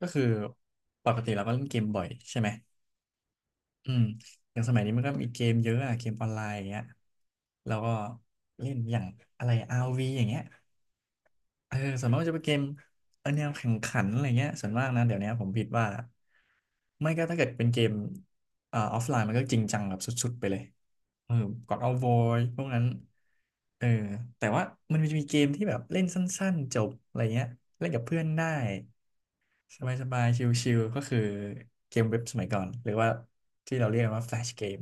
ก็คือปกติเราก็เล่นเกมบ่อยใช่ไหมอืมอย่างสมัยนี้มันก็มีเกมเยอะอะเกมออนไลน์อย่างเงี้ยเราก็เล่นอย่างอะไร RV อย่างเงี้ยเออส่วนมากก็จะเป็นเกมเออแนวแข่งขันอะไรเงี้ยส่วนมากนะเดี๋ยวนี้ผมผิดว่าไม่ก็ถ้าเกิดเป็นเกมออฟไลน์มันก็จริงจังแบบสุดๆไปเลยเออ God of War พวกนั้นเออแต่ว่ามันจะมีเกมที่แบบเล่นสั้นๆจบอะไรเงี้ยเล่นกับเพื่อนได้ สบายสบายชิลๆก็คือเกมเว็บสมัยก่อนหรือว่าที่เราเรียกกันว่าแฟลชเกม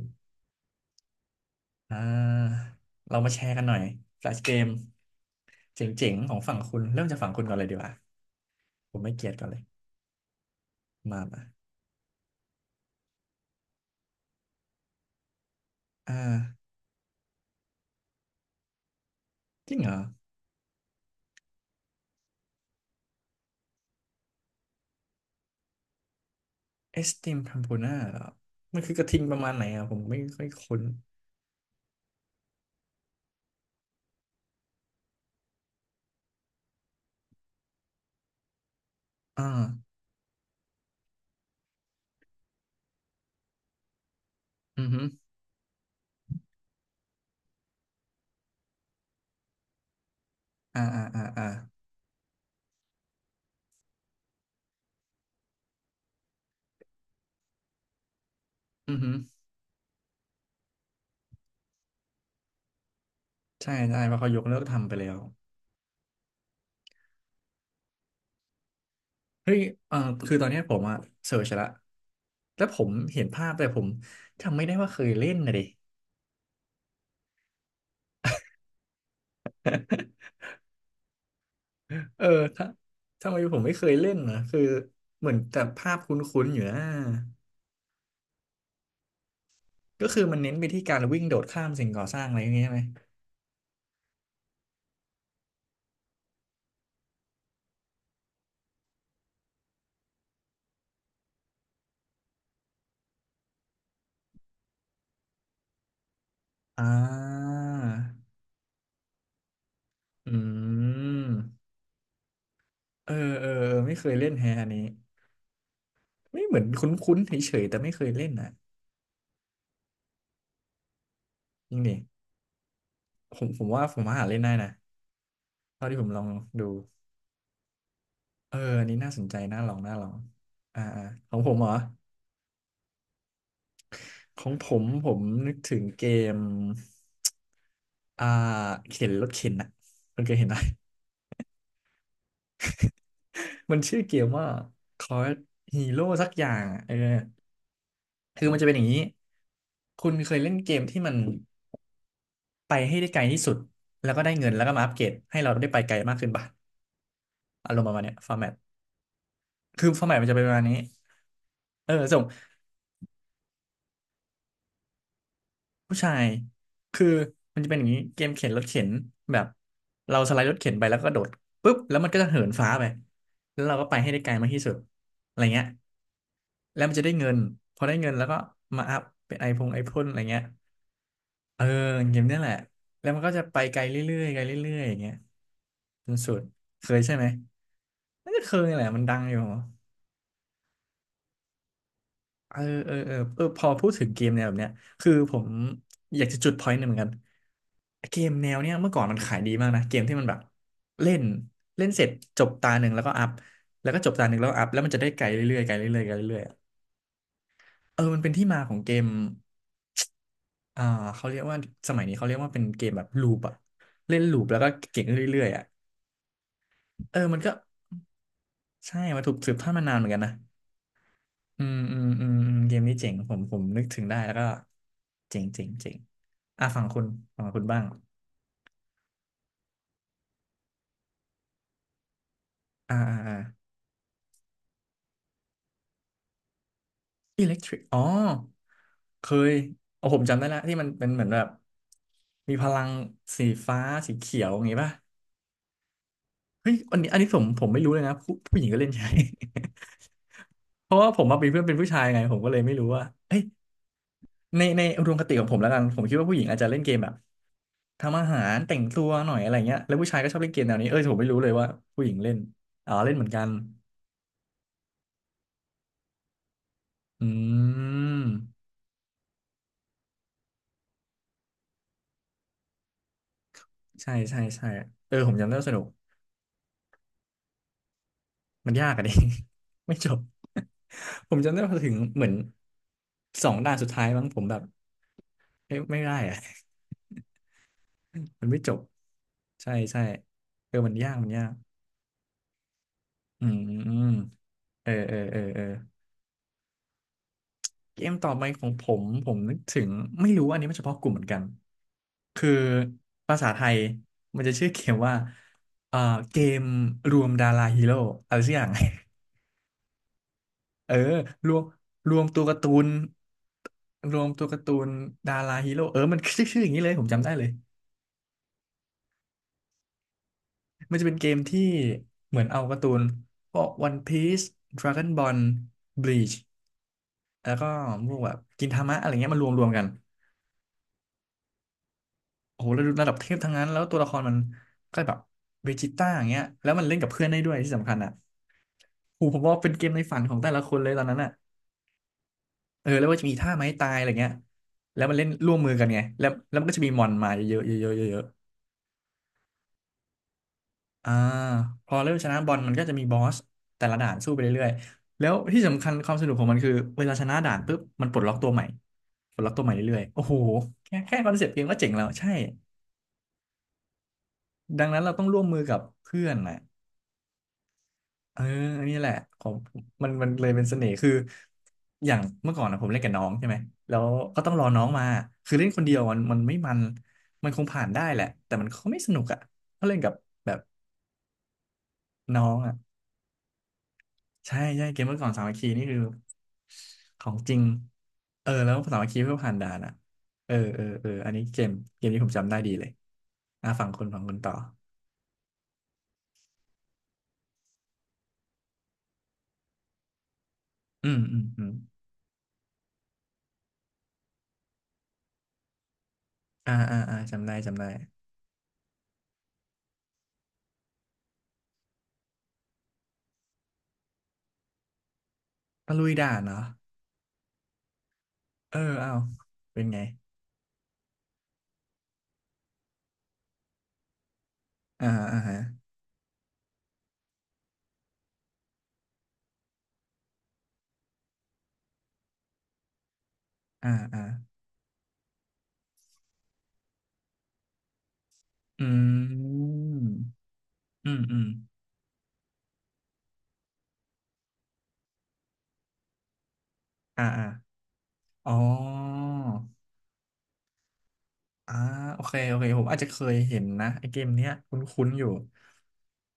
อ่าเรามาแชร์กันหน่อยแฟลชเกมเจ๋งๆของฝั่งคุณเริ่มจากฝั่งคุณก่อนเลยดีกว่าผมไม่เกลียดก่อนเลยมามาอ่าจริงเหรอเอสติมพัมพูน่าเหรอมันคือกระทิงประมาณไหนอ่ะผมไม่ค่อยคุ้นอ่าอือฮึอ่าอ่าอ่าอ่าอือฮึใช่ใช่เพราะเขายกเลิกทำไปแล้ว เฮ้ยเออคือตอนเนี้ยผมอะเสิร์ชละแล้วผมเห็นภาพแต่ผมจำไม่ได้ว่าเคยเล่นนะดิ เออถ้าทำไมผมไม่เคยเล่นนะคือเหมือนแต่ภาพคุ้นๆอยู่นะก็คือมันเน้นไปที่การวิ่งโดดข้ามสิ่งก่อสร้างอะไรอย่างเงี้ยใช่ไหมอ่าอืมเออเออเออไม่เคยเล่นแฮะอันนี้ไม่เหมือนคุ้นๆเฉยๆแต่ไม่เคยเล่นนะจริงดิผมผมว่าหาเล่นได้นะ เท่าที่ผมลองดู เอออันนี้น่าสนใจน่าลองน่าลองอ่าอ่าของผมเหรอของผมผมนึกถึงเกมอ่าเข็นรถเข็นอะคุณเคยเห็นไหม มันชื่อเกมว่า Call Hero สักอย่างอะเออคือมันจะเป็นอย่างนี้คุณเคยเล่นเกมที่มันไปให้ได้ไกลที่สุดแล้วก็ได้เงินแล้วก็มาอัปเกรดให้เราได้ไปไกลมากขึ้นป่ะอารมณ์ประมาณเนี้ยฟอร์แมตคือฟอร์แมตมันจะเป็นประมาณนี้เออส่ง ผู้ชายคือมันจะเป็นอย่างนี้เกมเข็นรถเข็นแบบเราสไลด์รถเข็นไปแล้วก็โดดปุ๊บแล้วมันก็จะเหินฟ้าไปแล้วเราก็ไปให้ได้ไกลมากที่สุดอะไรเงี้ยแล้วมันจะได้เงินพอได้เงินแล้วก็มาอัพเป็นไอพงไอพ่นอะไรเงี้ยเออเกมเนี้ยแหละแล้วมันก็จะไปไกลเรื่อยๆไกลเรื่อยๆอย่างเงี้ยจนสุดเคยใช่ไหมน่าจะเคยแหละมันดังอยู่ เออเออเออเออพอพูดถึงเกมแนวแบบเนี้ยคือผมอยากจะจุดพอยต์หนึ่งเหมือนกันเกมแนวเนี้ยเมื่อก่อนมันขายดีมากนะเกมที่มันแบบเล่นเล่นเสร็จจบตาหนึ่งแล้วก็อัพแล้วก็จบตาหนึ่งแล้วก็อัพแล้วมันจะได้ไกลเรื่อยๆไกลเรื่อยๆไกลเรื่อยๆอะเออมันเป็นที่มาของเกมอ่าเขาเรียกว่าสมัยนี้เขาเรียกว่าเป็นเกมแบบลูปอะเล่นลูปแล้วก็เก่งขึ้นเรื่อยๆอะเออมันก็ใช่มาถูกสืบทอดมานานเหมือนกันนะ อืมอืมอืมอืมเกมนี้เจ๋งผมนึกถึงได้แล้วก็เจ๋งเจ๋งเจ๋งอ่ะฝั่งคุณฝั่งคุณบ้างอ่าอ่าอ่าอิเล็กทริกอ๋อเคยโอ้ผมจำได้ละที่มันเป็นเหมือนแบบมีพลังสีฟ้าสีเขียวอย่างงี้ป่ะเฮ้ยอันนี้อันนี้ผมไม่รู้เลยนะผู้หญิงก็เล่นใช่ เพราะว่าผมมาเป็นเพื่อนเป็นผู้ชายไงผมก็เลยไม่รู้ว่าเอ้ยในอุดมคติของผมแล้วกันผมคิดว่าผู้หญิงอาจจะเล่นเกมแบบ ทำอาหารแต่งตัวหน่อยอะไรเงี้ยแล้วผู้ชายก็ชอบเล่นเกมแนวนี้เอ้ยผมไม่รู้เลยว่าผู้หญิงเล่นอ๋อเล่นเหมือนกันอืมใช่ใช่ใช่เออผมจำได้ว่าสนุกมันยากอะดิ ไม่จบ ผมจำได้พอถึงเหมือนสองด่านสุดท้ายมั้งผมแบบเอ้ยไม่ได้อะ มันไม่จบใช่ใช่เออมันยากมันยากอืมอืมเออเออเออเออ เกมต่อไปของผมผมนึกถึงไม่รู้อันนี้มันเฉพาะกลุ่มเหมือนกันคือภาษาไทยมันจะชื่อเกมว่าเอ่อเกมรวมดาราฮีโร่อะไรสักอย่าง เออรวมรวมตัวการ์ตูนรวมตัวการ์ตูนดาราฮีโร่เออมันชื่ออย่างนี้เลยผมจำได้เลยมันจะเป็นเกมที่เหมือนเอาการ์ตูนพวก One Piece Dragon Ball Bleach แล้วก็พวกแบบกินทามะอะไรเงี้ยมารวมรวมกัน โอ้โหระดับระดับเทพทั้งนั้นแล้วตัวละครมันก็แบบเวจิต้าอย่างเงี้ยแล้วมันเล่นกับเพื่อนได้ด้วยที่สำคัญอ่ะโอ้โหผมว่าเป็นเกมในฝันของแต่ละคนเลยตอนนั้นอ่ะเออแล้วว่าจะมีท่าไม้ตายอะไรเงี้ยแล้วมันเล่นร่วมมือกันไงแล้วมันก็จะมีมอนมาเยอะๆเยอะๆเยอะๆพอเริ่มชนะบอลมันก็จะมีบอสแต่ละด่านสู้ไปเรื่อยๆแล้วที่สำคัญความสนุกของมันคือเวลาชนะด่านปุ๊บมันปลดล็อกตัวใหม่ปลดล็อกตัวใหม่เรื่อยๆโอ้โหแค่คอนเซ็ปต์เกมก็เจ๋งแล้วใช่ดังนั้นเราต้องร่วมมือกับเพื่อนนะ เออนี่แหละผมมันเลยเป็นเสน่ห์คืออย่างเมื่อก่อนนะผมเล่นกับน้องใช่ไหมแล้วก็ต้องรอน้องมาคือเล่นคนเดียวมันไม่มันมันคงผ่านได้แหละแต่มันก็ไม่สนุกอ่ะถ้าเล่นกับแบบน้องอ่ะใช่ใช่เกมเมื่อก่อนสามัคคีนี่คือของจริงเออแล้วสามัคคีเพื่อผ่านด่านอ่ะเออเออเอออันนี้เกมเกมนี้ผมจำได้ดีเลยอ่ะฝั่งคนฝั่งคนต่ออืมอืมอืมอ่าอ่าอ่าจำได้จำได้ตะลุยด่านเนาะเออเอาเป็นไง อ่าอ่าฮะอ่าอ่าอืมอืมอืมอ่าอ่าอ๋ออ่าโอเคโอเคผมอาจจะเคยเห็นนะไอเกมเนี้ยคุ้นๆอยู่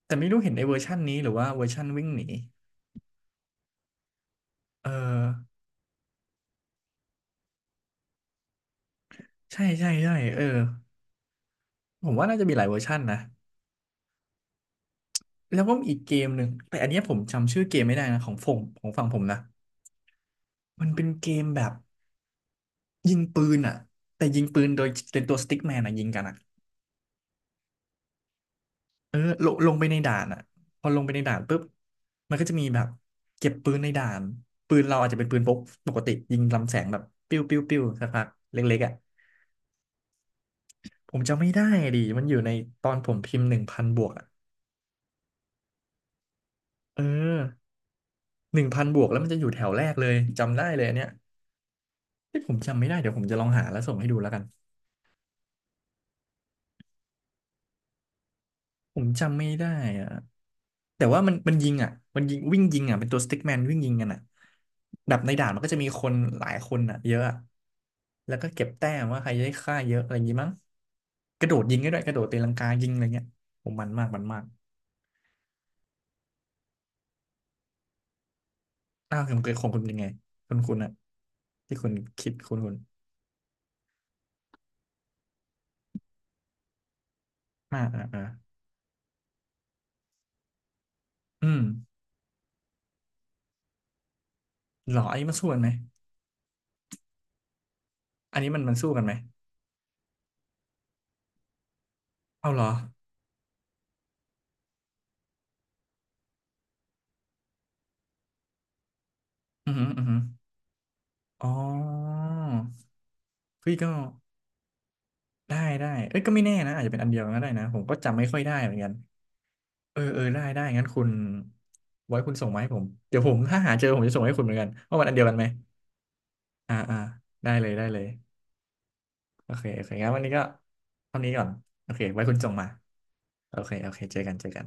แต่ไม่รู้เห็นไอเวอร์ชันนี้หรือว่าเวอร์ชันวิ่งหนีเออใช่ใช่ใช่เออผมว่าน่าจะมีหลายเวอร์ชันนะแล้วก็มีอีกเกมหนึ่งแต่อันเนี้ยผมจำชื่อเกมไม่ได้นะของฝั่งผมนะมันเป็นเกมแบบยิงปืนอ่ะแต่ยิงปืนโดยเป็นตัวสติ๊กแมนอ่ะยิงกันอ่ะ เออลงไปในด่านอ่ะพอลงไปในด่านปุ๊บมันก็จะมีแบบเก็บปืนในด่านปืนเราอาจจะเป็นปืนพกปกติยิงลำแสงแบบปิ้วปิ้วปิ้วสักพักเล็กๆอ่ะผมจำไม่ได้ดิมันอยู่ในตอนผมพิมพ์หนึ่งพันบวกอ่ะเออหนึ่งพันบวกแล้วมันจะอยู่แถวแรกเลยจำได้เลยอันเนี้ยที่ผมจำไม่ได้เดี๋ยวผมจะลองหาแล้วส่งให้ดูแล้วกัน ผมจำไม่ได้อะแต่ว่ามันยิงอ่ะมันยิงวิ่งยิงอ่ะเป็นตัวสติ๊กแมนวิ่งยิงกันอ่ะดับในด่านมันก็จะมีคนหลายคนอ่ะเยอะอะ แล้วก็เก็บแต้มว่าใครจะได้ฆ่าเยอะอะไรอย่างงี้มั้งกระโดดยิงก็ได้ด้วยกระโดดตีลังกายิงอะไรเงี้ยผมมันมากมันมากอ้าวคุณเกยของคุณเป็นยังไงคุณอ่ะที่คุณคิดคุณอ่าอ่าอ่าอืมเหรออันนี้มันสู้กันไหมอันนี้มันสู้กันไหมเอาเหรออือหืออือหืออ๋อพี่ก็ ได้ได้เอ้ยก็ไม่แน่นะอาจจะเป็นอันเดียวก็ได้นะผมก็จำไม่ค่อยได้เหมือนกันเออเออได้ได้งั้นคุณไว้คุณส่งมาให้ผมเดี๋ยวผมถ้าหาเจอผมจะส่งให้คุณเหมือนกันว่ามันอันเดียวกันไหมอ่าอ่าได้เลยได้เลยโอเคโอเคงั้นวันนี้ก็เท่านี้ก่อนโอเคไว้คุณส่งมาโอเคโอเคเจอกันเจอกัน